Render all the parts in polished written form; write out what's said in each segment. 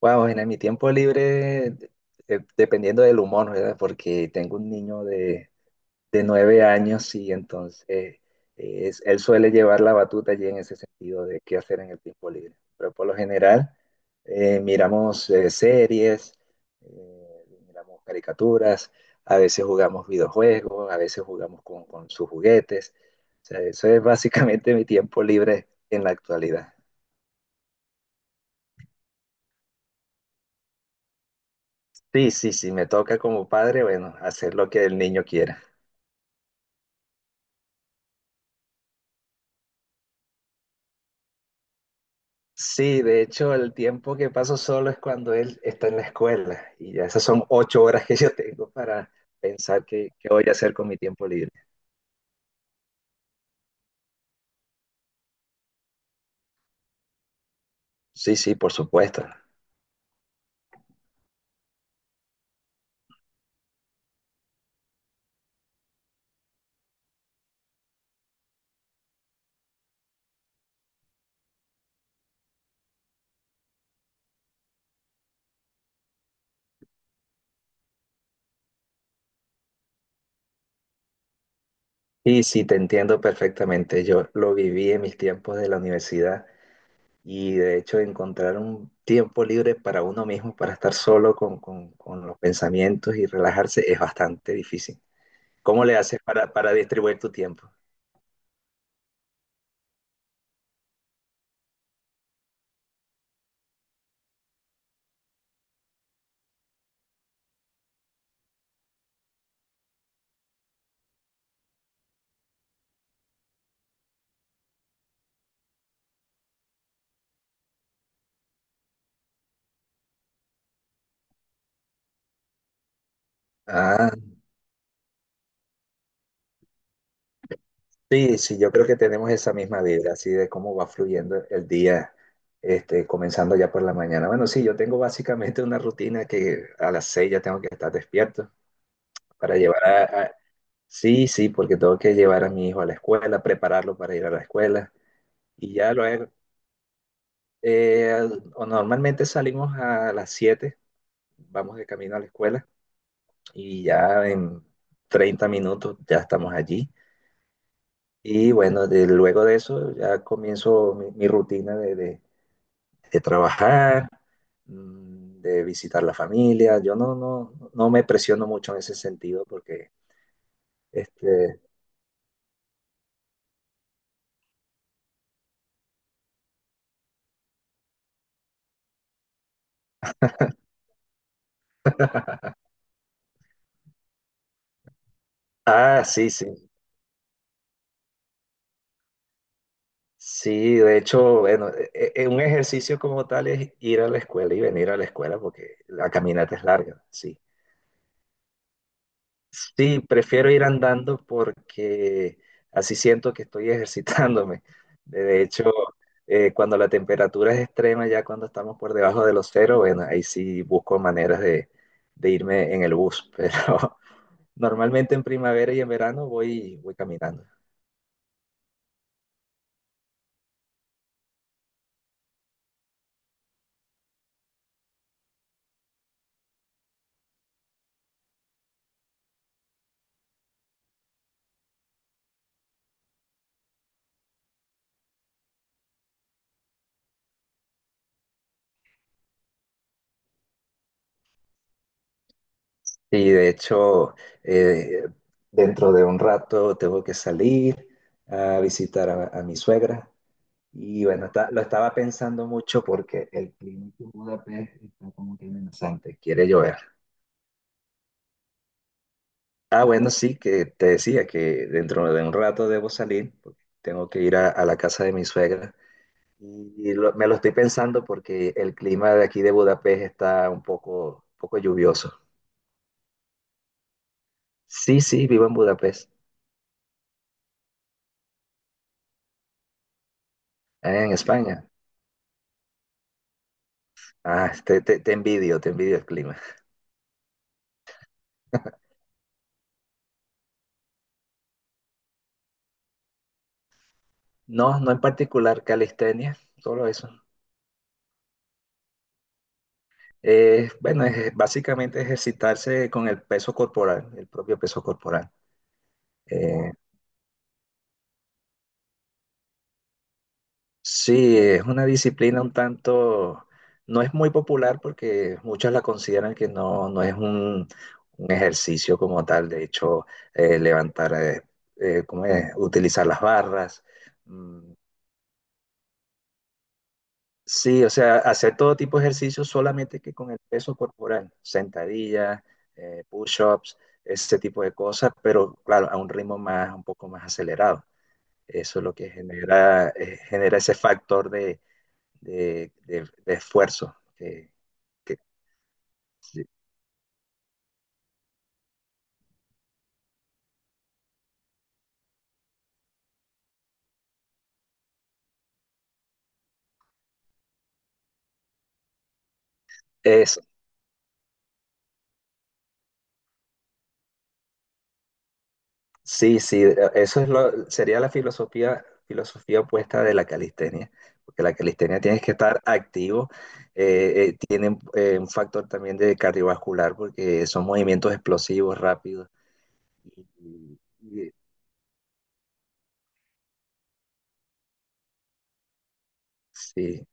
Wow, en mi tiempo libre, dependiendo del humor, ¿verdad? Porque tengo un niño de 9 años y entonces él suele llevar la batuta allí en ese sentido de qué hacer en el tiempo libre. Pero por lo general miramos series, miramos caricaturas, a veces jugamos videojuegos, a veces jugamos con sus juguetes. O sea, eso es básicamente mi tiempo libre en la actualidad. Sí, sí, sí, me toca como padre, bueno, hacer lo que el niño quiera. Sí, de hecho, el tiempo que paso solo es cuando él está en la escuela y ya esas son 8 horas que yo tengo para pensar qué voy a hacer con mi tiempo libre. Sí, sí, por supuesto. Y sí, te entiendo perfectamente. Yo lo viví en mis tiempos de la universidad y de hecho encontrar un tiempo libre para uno mismo, para estar solo con los pensamientos y relajarse es bastante difícil. ¿Cómo le haces para distribuir tu tiempo? Ah, sí, sí, yo creo que tenemos esa misma vibra, así de cómo va fluyendo el día, este, comenzando ya por la mañana. Bueno, sí, yo tengo básicamente una rutina que a las 6 ya tengo que estar despierto para llevar sí, sí, porque tengo que llevar a mi hijo a la escuela, prepararlo para ir a la escuela. Y ya luego, eh, o normalmente salimos a las 7, vamos de camino a la escuela y ya en 30 minutos ya estamos allí. Y bueno, luego de eso ya comienzo mi rutina de trabajar, de visitar la familia. Yo no, no, no me presiono mucho en ese sentido porque, este, ah, sí, sí. Sí, de hecho, bueno, un ejercicio como tal es ir a la escuela y venir a la escuela porque la caminata es larga, sí. Sí, prefiero ir andando porque así siento que estoy ejercitándome. De hecho, cuando la temperatura es extrema, ya cuando estamos por debajo de los cero, bueno, ahí sí busco maneras de irme en el bus, pero normalmente en primavera y en verano voy caminando. Y de hecho, eh, dentro de un rato tengo que salir a visitar a mi suegra. Y bueno, lo estaba pensando mucho porque el clima aquí en Budapest está como que amenazante, quiere llover. Ah, bueno, sí, que te decía que dentro de un rato debo salir, porque tengo que ir a la casa de mi suegra. Y me lo estoy pensando porque el clima de aquí de Budapest está un poco lluvioso. Sí, sí, vivo en Budapest, ¿eh? En España. Ah, te envidio el clima. No, no en particular calistenia, solo eso. Bueno, básicamente ejercitarse con el peso corporal, el propio peso corporal. Eh, sí, es una disciplina un tanto, no es muy popular porque muchos la consideran que no, no es un ejercicio como tal. De hecho, eh, levantar, eh, ¿cómo es? Utilizar las barras, mm, sí, o sea, hacer todo tipo de ejercicios solamente que con el peso corporal, sentadillas, push-ups, ese tipo de cosas, pero claro, a un ritmo más, un poco más acelerado. Eso es lo que genera, genera ese factor de, de esfuerzo. Que- sí, eso, Sí, sí, eso es lo, sería la filosofía opuesta de la calistenia, porque la calistenia tienes que estar activo, tiene un factor también de cardiovascular, porque son movimientos explosivos, rápidos. Y- y- Sí,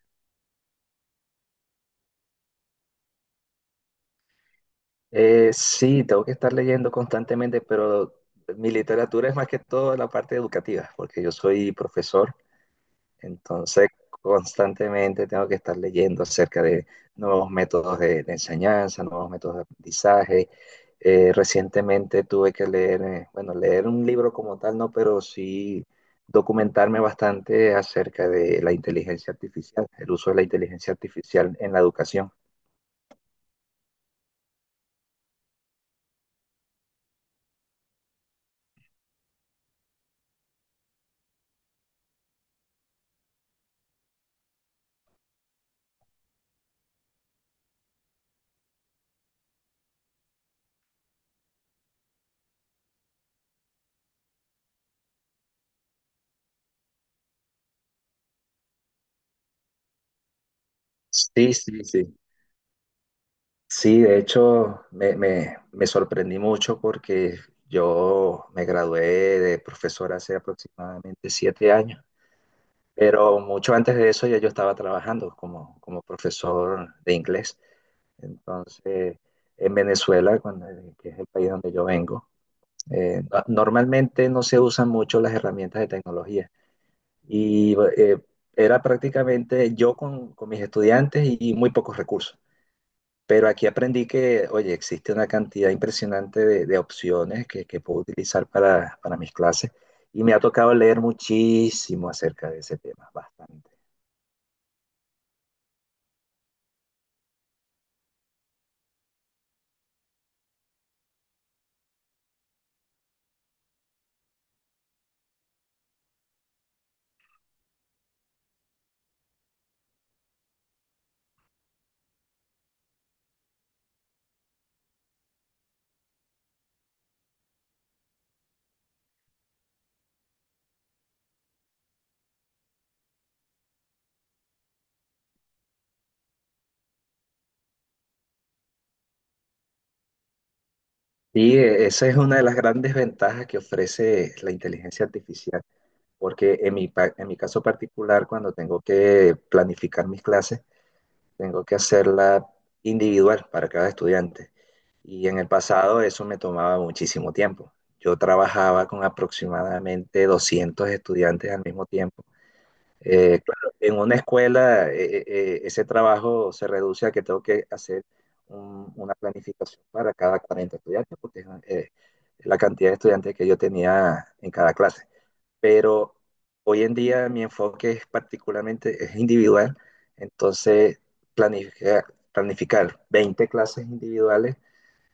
Sí, tengo que estar leyendo constantemente, pero mi literatura es más que todo la parte educativa, porque yo soy profesor. Entonces, constantemente tengo que estar leyendo acerca de nuevos métodos de enseñanza, nuevos métodos de aprendizaje. Recientemente tuve que leer, bueno, leer un libro como tal, no, pero sí documentarme bastante acerca de la inteligencia artificial, el uso de la inteligencia artificial en la educación. Sí, sí, sí. Sí, de hecho, me sorprendí mucho porque yo me gradué de profesor hace aproximadamente 7 años. Pero mucho antes de eso ya yo estaba trabajando como profesor de inglés. Entonces, en Venezuela, que es el país donde yo vengo, normalmente no se usan mucho las herramientas de tecnología. Y era prácticamente yo con mis estudiantes y muy pocos recursos. Pero aquí aprendí que, oye, existe una cantidad impresionante de opciones que puedo utilizar para mis clases. Y me ha tocado leer muchísimo acerca de ese tema, bastante. Sí, esa es una de las grandes ventajas que ofrece la inteligencia artificial, porque en mi caso particular, cuando tengo que planificar mis clases, tengo que hacerla individual para cada estudiante. Y en el pasado eso me tomaba muchísimo tiempo. Yo trabajaba con aproximadamente 200 estudiantes al mismo tiempo. Claro, en una escuela ese trabajo se reduce a que tengo que hacer una planificación para cada 40 estudiantes, porque es la cantidad de estudiantes que yo tenía en cada clase. Pero hoy en día mi enfoque es particularmente es individual, entonces planificar, planificar 20 clases individuales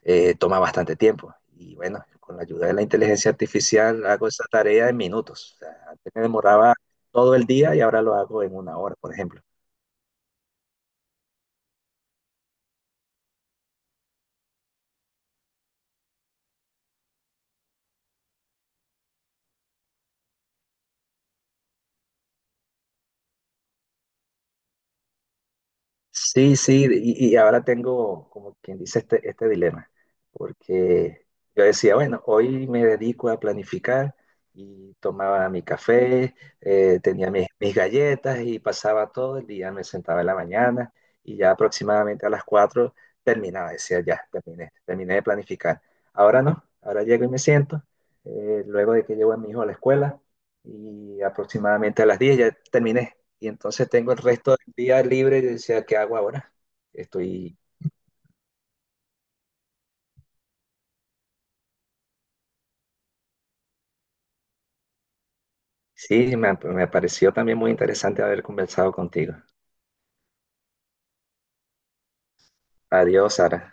toma bastante tiempo. Y bueno, con la ayuda de la inteligencia artificial hago esa tarea en minutos. O sea, antes me demoraba todo el día y ahora lo hago en una hora, por ejemplo. Sí, sí, y ahora tengo, como quien dice, este dilema, porque yo decía, bueno, hoy me dedico a planificar y tomaba mi café, tenía mis galletas y pasaba todo el día, me sentaba en la mañana y ya aproximadamente a las 4 terminaba, decía, ya, terminé, terminé de planificar. Ahora no, ahora llego y me siento, luego de que llevo a mi hijo a la escuela y aproximadamente a las 10 ya terminé. Y entonces tengo el resto del día libre y decía, ¿qué hago ahora? Estoy... Sí, me pareció también muy interesante haber conversado contigo. Adiós, Sara.